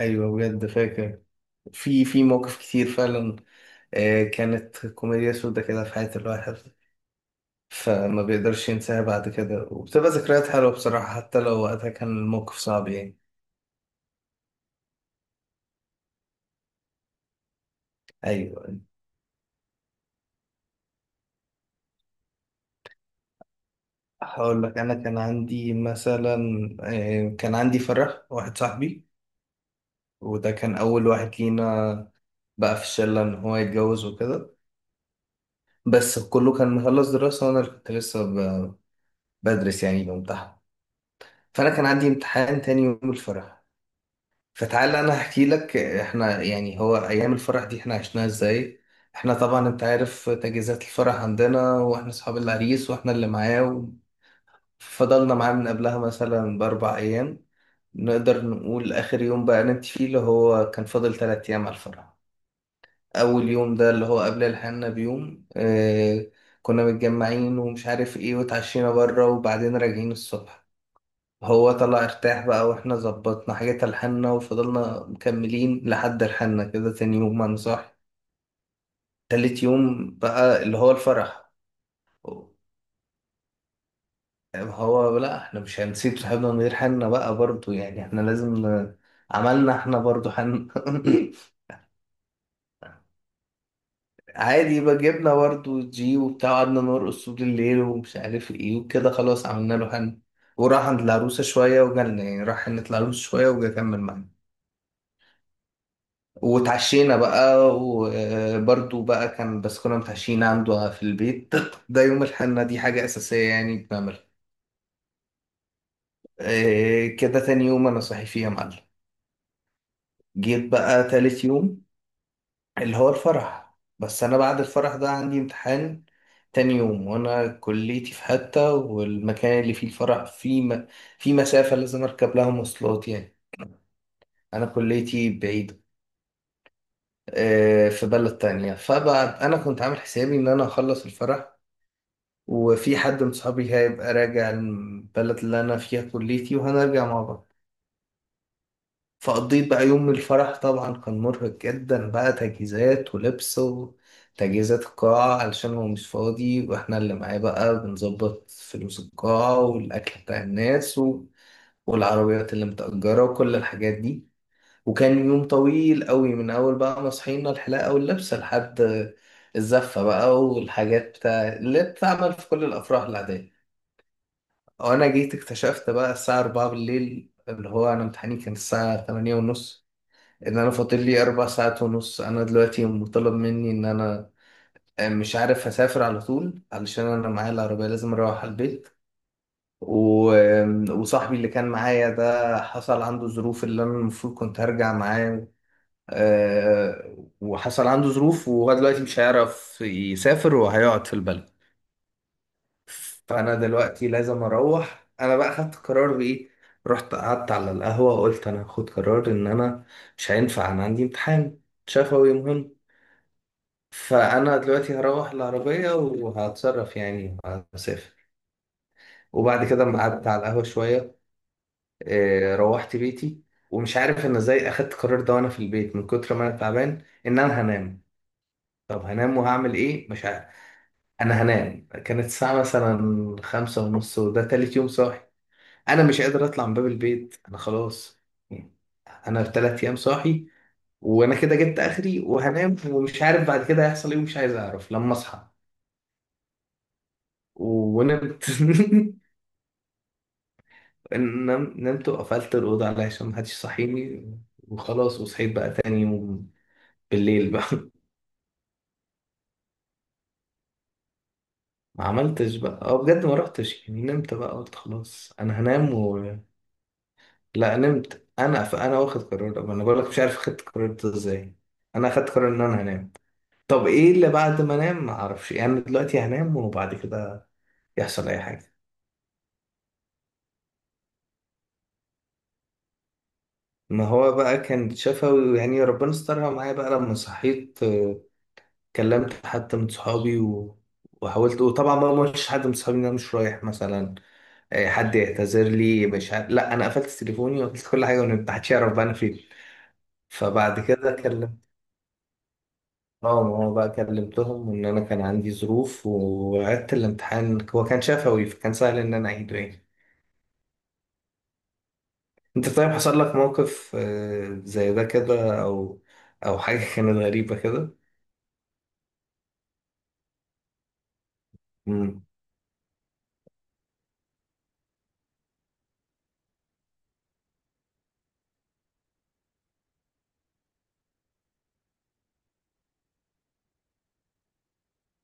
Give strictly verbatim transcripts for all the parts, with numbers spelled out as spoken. ايوه بجد فاكر. في في مواقف كتير فعلا. آه، كانت كوميديا سودا كده في حياة الواحد، فما بيقدرش ينساها بعد كده، وبتبقى ذكريات حلوة بصراحة حتى لو وقتها كان الموقف صعب يعني. أيوة، هقول لك أنا كان عندي مثلا آه، كان عندي فرح واحد صاحبي، وده كان أول واحد لينا بقى في الشلة إن هو يتجوز وكده. بس كله كان مخلص دراسة، وأنا اللي كنت لسه ب- بدرس يعني بامتحن. فأنا كان عندي امتحان تاني يوم الفرح. فتعال انا احكي لك احنا يعني هو ايام الفرح دي احنا عشناها ازاي. احنا طبعا انت عارف تجهيزات الفرح عندنا، واحنا اصحاب العريس واحنا اللي معاه، فضلنا معاه من قبلها مثلا باربع ايام. نقدر نقول اخر يوم بقى نمت فيه اللي هو كان فاضل تلات ايام على الفرح. اول يوم ده اللي هو قبل الحنة بيوم، اه كنا متجمعين ومش عارف ايه، واتعشينا بره، وبعدين راجعين الصبح. هو طلع ارتاح بقى، واحنا ظبطنا حاجة تلحنا وفضلنا مكملين لحد الحنا كده تاني يوم انا صاحي. تالت يوم بقى اللي هو الفرح. هو لا، احنا مش هنسيب صاحبنا من غير حنا بقى برضو، يعني احنا لازم ن- عملنا احنا برضو حنا عادي بقى جبنا برضو جي وبتاع، قعدنا نرقص طول الليل ومش عارف ايه وكده، خلاص عملنا له حنا وراح عند العروسة شوية وجالنا، يعني راح عند العروسة شوية وجا كمل معانا. واتعشينا بقى، وبرده بقى كان بس كنا متعشيين عنده في البيت ده يوم الحنة دي حاجة أساسية يعني بنعملها. إيه كده تاني يوم أنا صاحي فيه يا معلم. جيت بقى تالت يوم اللي هو الفرح، بس أنا بعد الفرح ده عندي امتحان تاني يوم، وأنا كليتي في حتة والمكان اللي فيه الفرح فيه م... في مسافة لازم أركب لها مواصلات يعني. أنا كليتي بعيدة، إيه، في بلد تانية. فبقى أنا كنت عامل حسابي إن أنا أخلص الفرح وفي حد من صحابي هيبقى راجع البلد اللي أنا فيها كليتي وهنرجع مع بعض. فقضيت بقى يوم الفرح، طبعا كان مرهق جدا بقى تجهيزات ولبس وتجهيزات القاعة، علشان هو مش فاضي واحنا اللي معاه بقى بنظبط فلوس القاعة والأكل بتاع الناس و... والعربيات اللي متأجرة وكل الحاجات دي. وكان يوم طويل قوي من أول بقى ما صحينا الحلاقة واللبسة لحد الزفة بقى والحاجات بتاع اللي بتتعمل في كل الأفراح العادية. وانا جيت اكتشفت بقى الساعة اربعة بالليل اللي هو انا امتحاني كان الساعة ثمانية ونص، ان انا فاضل لي اربع ساعات ونص. انا دلوقتي مطالب مني ان انا آه، مش عارف هسافر على طول علشان انا معايا العربية لازم اروح على البيت و... وصاحبي اللي كان معايا ده حصل عنده ظروف، اللي انا المفروض كنت هرجع معاه، آه، وحصل عنده ظروف وهو دلوقتي مش هيعرف يسافر وهيقعد في البلد. فانا دلوقتي لازم اروح. انا بقى خدت قرار بايه. رحت قعدت على القهوه وقلت انا هاخد قرار ان انا مش هينفع، انا عندي امتحان شفوي مهم، فانا دلوقتي هروح العربيه وهتصرف يعني، هسافر. وبعد كده ما قعدت على القهوه شويه آه، روحت بيتي. ومش عارف انا ازاي اخدت القرار ده وانا في البيت من كتر ما انا تعبان ان انا هنام. طب هنام وهعمل ايه مش عارف. انا هنام، كانت الساعه مثلا خمسة ونص وده تالت يوم صاحي، انا مش قادر اطلع من باب البيت، انا خلاص. انا ثلاث ايام صاحي، وانا كده جبت اخري وهنام ومش عارف بعد كده هيحصل ايه، ومش عايز اعرف لما اصحى. و- ونمت نم- نمت وقفلت الاوضه علشان محدش يصحيني. وخلاص، وصحيت بقى تاني يوم بالليل بقى ما عملتش بقى، اه بجد ما رحتش، يعني نمت بقى، قلت خلاص انا هنام و... لا نمت. انا فانا واخد قرار، طب انا بقول لك مش عارف خدت قرار ده ازاي. انا اخدت قرار ان انا هنام، طب ايه اللي بعد ما انام ما اعرفش يعني، أنا دلوقتي هنام وبعد كده يحصل اي حاجه. ما هو بقى كان شفوي يعني، ربنا استرها معايا بقى. لما صحيت آه، كلمت حد من صحابي و... وحاولت، وطبعا بقى ما قلتش حد من صحابي ان انا مش رايح مثلا، آه، حد يعتذر لي، مش ه... لا انا قفلت تليفوني وقفلت كل حاجه وما حدش يعرف بقى انا فين. فبعد كده كلمت، اه ما هو بقى كلمتهم ان انا كان عندي ظروف وعدت الامتحان، هو كان شفوي فكان سهل ان انا اعيده يعني. انت طيب، حصل لك موقف آه، زي ده كده، او او حاجة كانت غريبة كده؟ مم.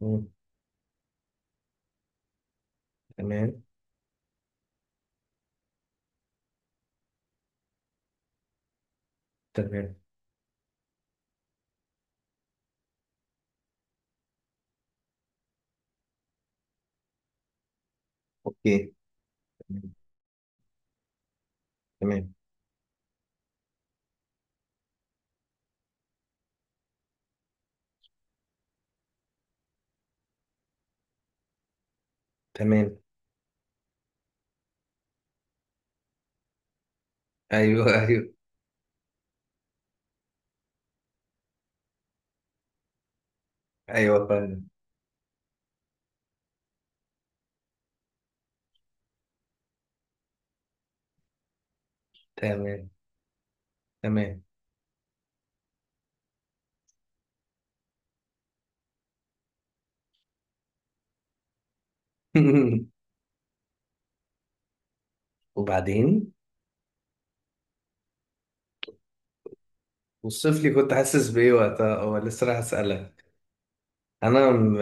مم. تمام. تمام. اوكي. تمام. تمام. تمام. ايوه ايوه. ايوه فعلا. تمام. تمام وبعدين؟ والصيف لي كنت حاسس بايه وقتها، هو لسه راح اسألك. انا م...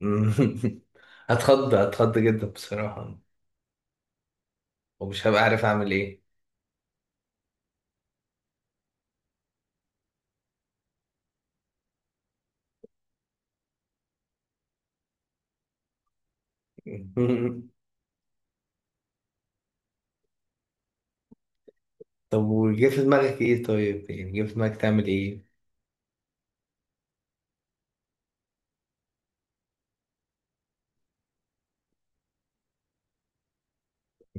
م- هتخض هتخض جدا بصراحة، ومش هبقى عارف اعمل ايه. طب وجه في دماغك ايه طيب، يعني جه في دماغك تعمل ايه؟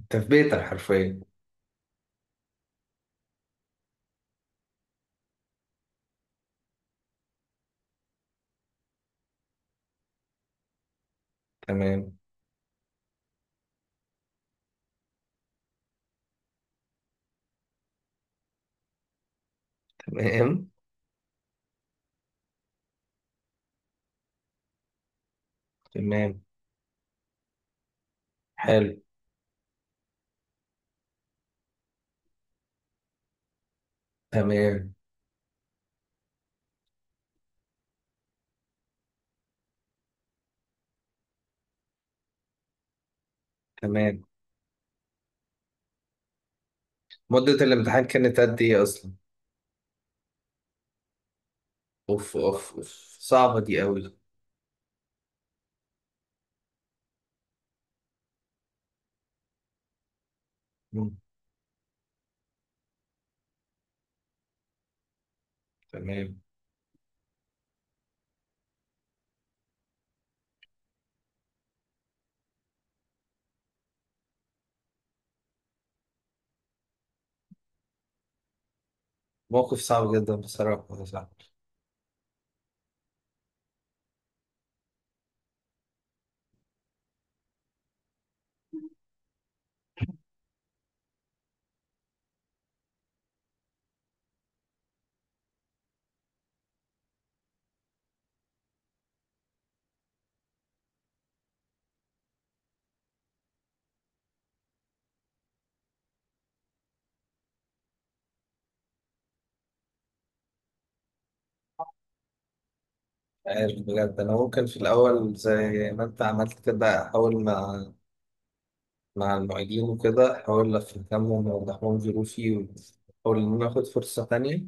تثبيتا حرفيا. تمام. تمام. تمام. حلو. تمام. تمام. مدة الامتحان كانت قد ايه اصلا؟ اوف اوف اوف، صعبة دي قوي. مم، تمام. موقف صعب جدا بصراحة يا صاحبي. عارف بجد، انا ممكن في الاول زي ما انت عملت كده احاول مع مع المعيدين وكده، احاول افهمهم واوضح لهم ظروفي واحاول ان انا اخد فرصة تانية.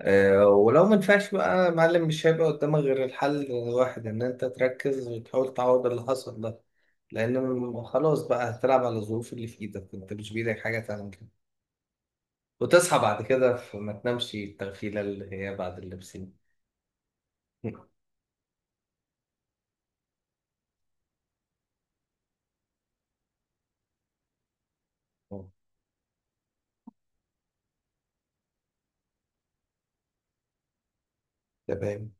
آه، ولو ما ينفعش بقى يا معلم، مش هيبقى قدامك غير الحل الواحد ان انت تركز وتحاول تعوض اللي حصل ده، لان م- خلاص بقى هتلعب على الظروف اللي في ايدك. انت مش بايدك حاجه تعمل كده، وتصحى بعد كده فما تنامش التغفيله اللي هي بعد اللبسين. تمام.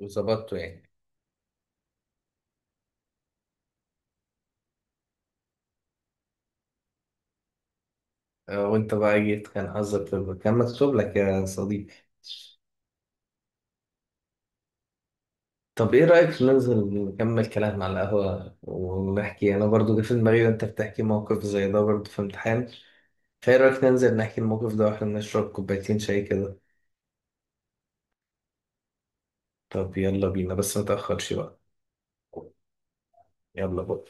وظبطته يعني. آه، وانت بقى جيت كان حظك في- كان مكتوب لك يا صديقي. طب ايه رأيك ننزل نكمل كلام على القهوة ونحكي، انا برضو جه في دماغي وانت بتحكي موقف زي ده برضو في امتحان. خير رأيك ننزل نحكي الموقف ده واحنا بنشرب كوبايتين شاي كده. طب يلا بينا بس متأخرش بقى. يلا بقى.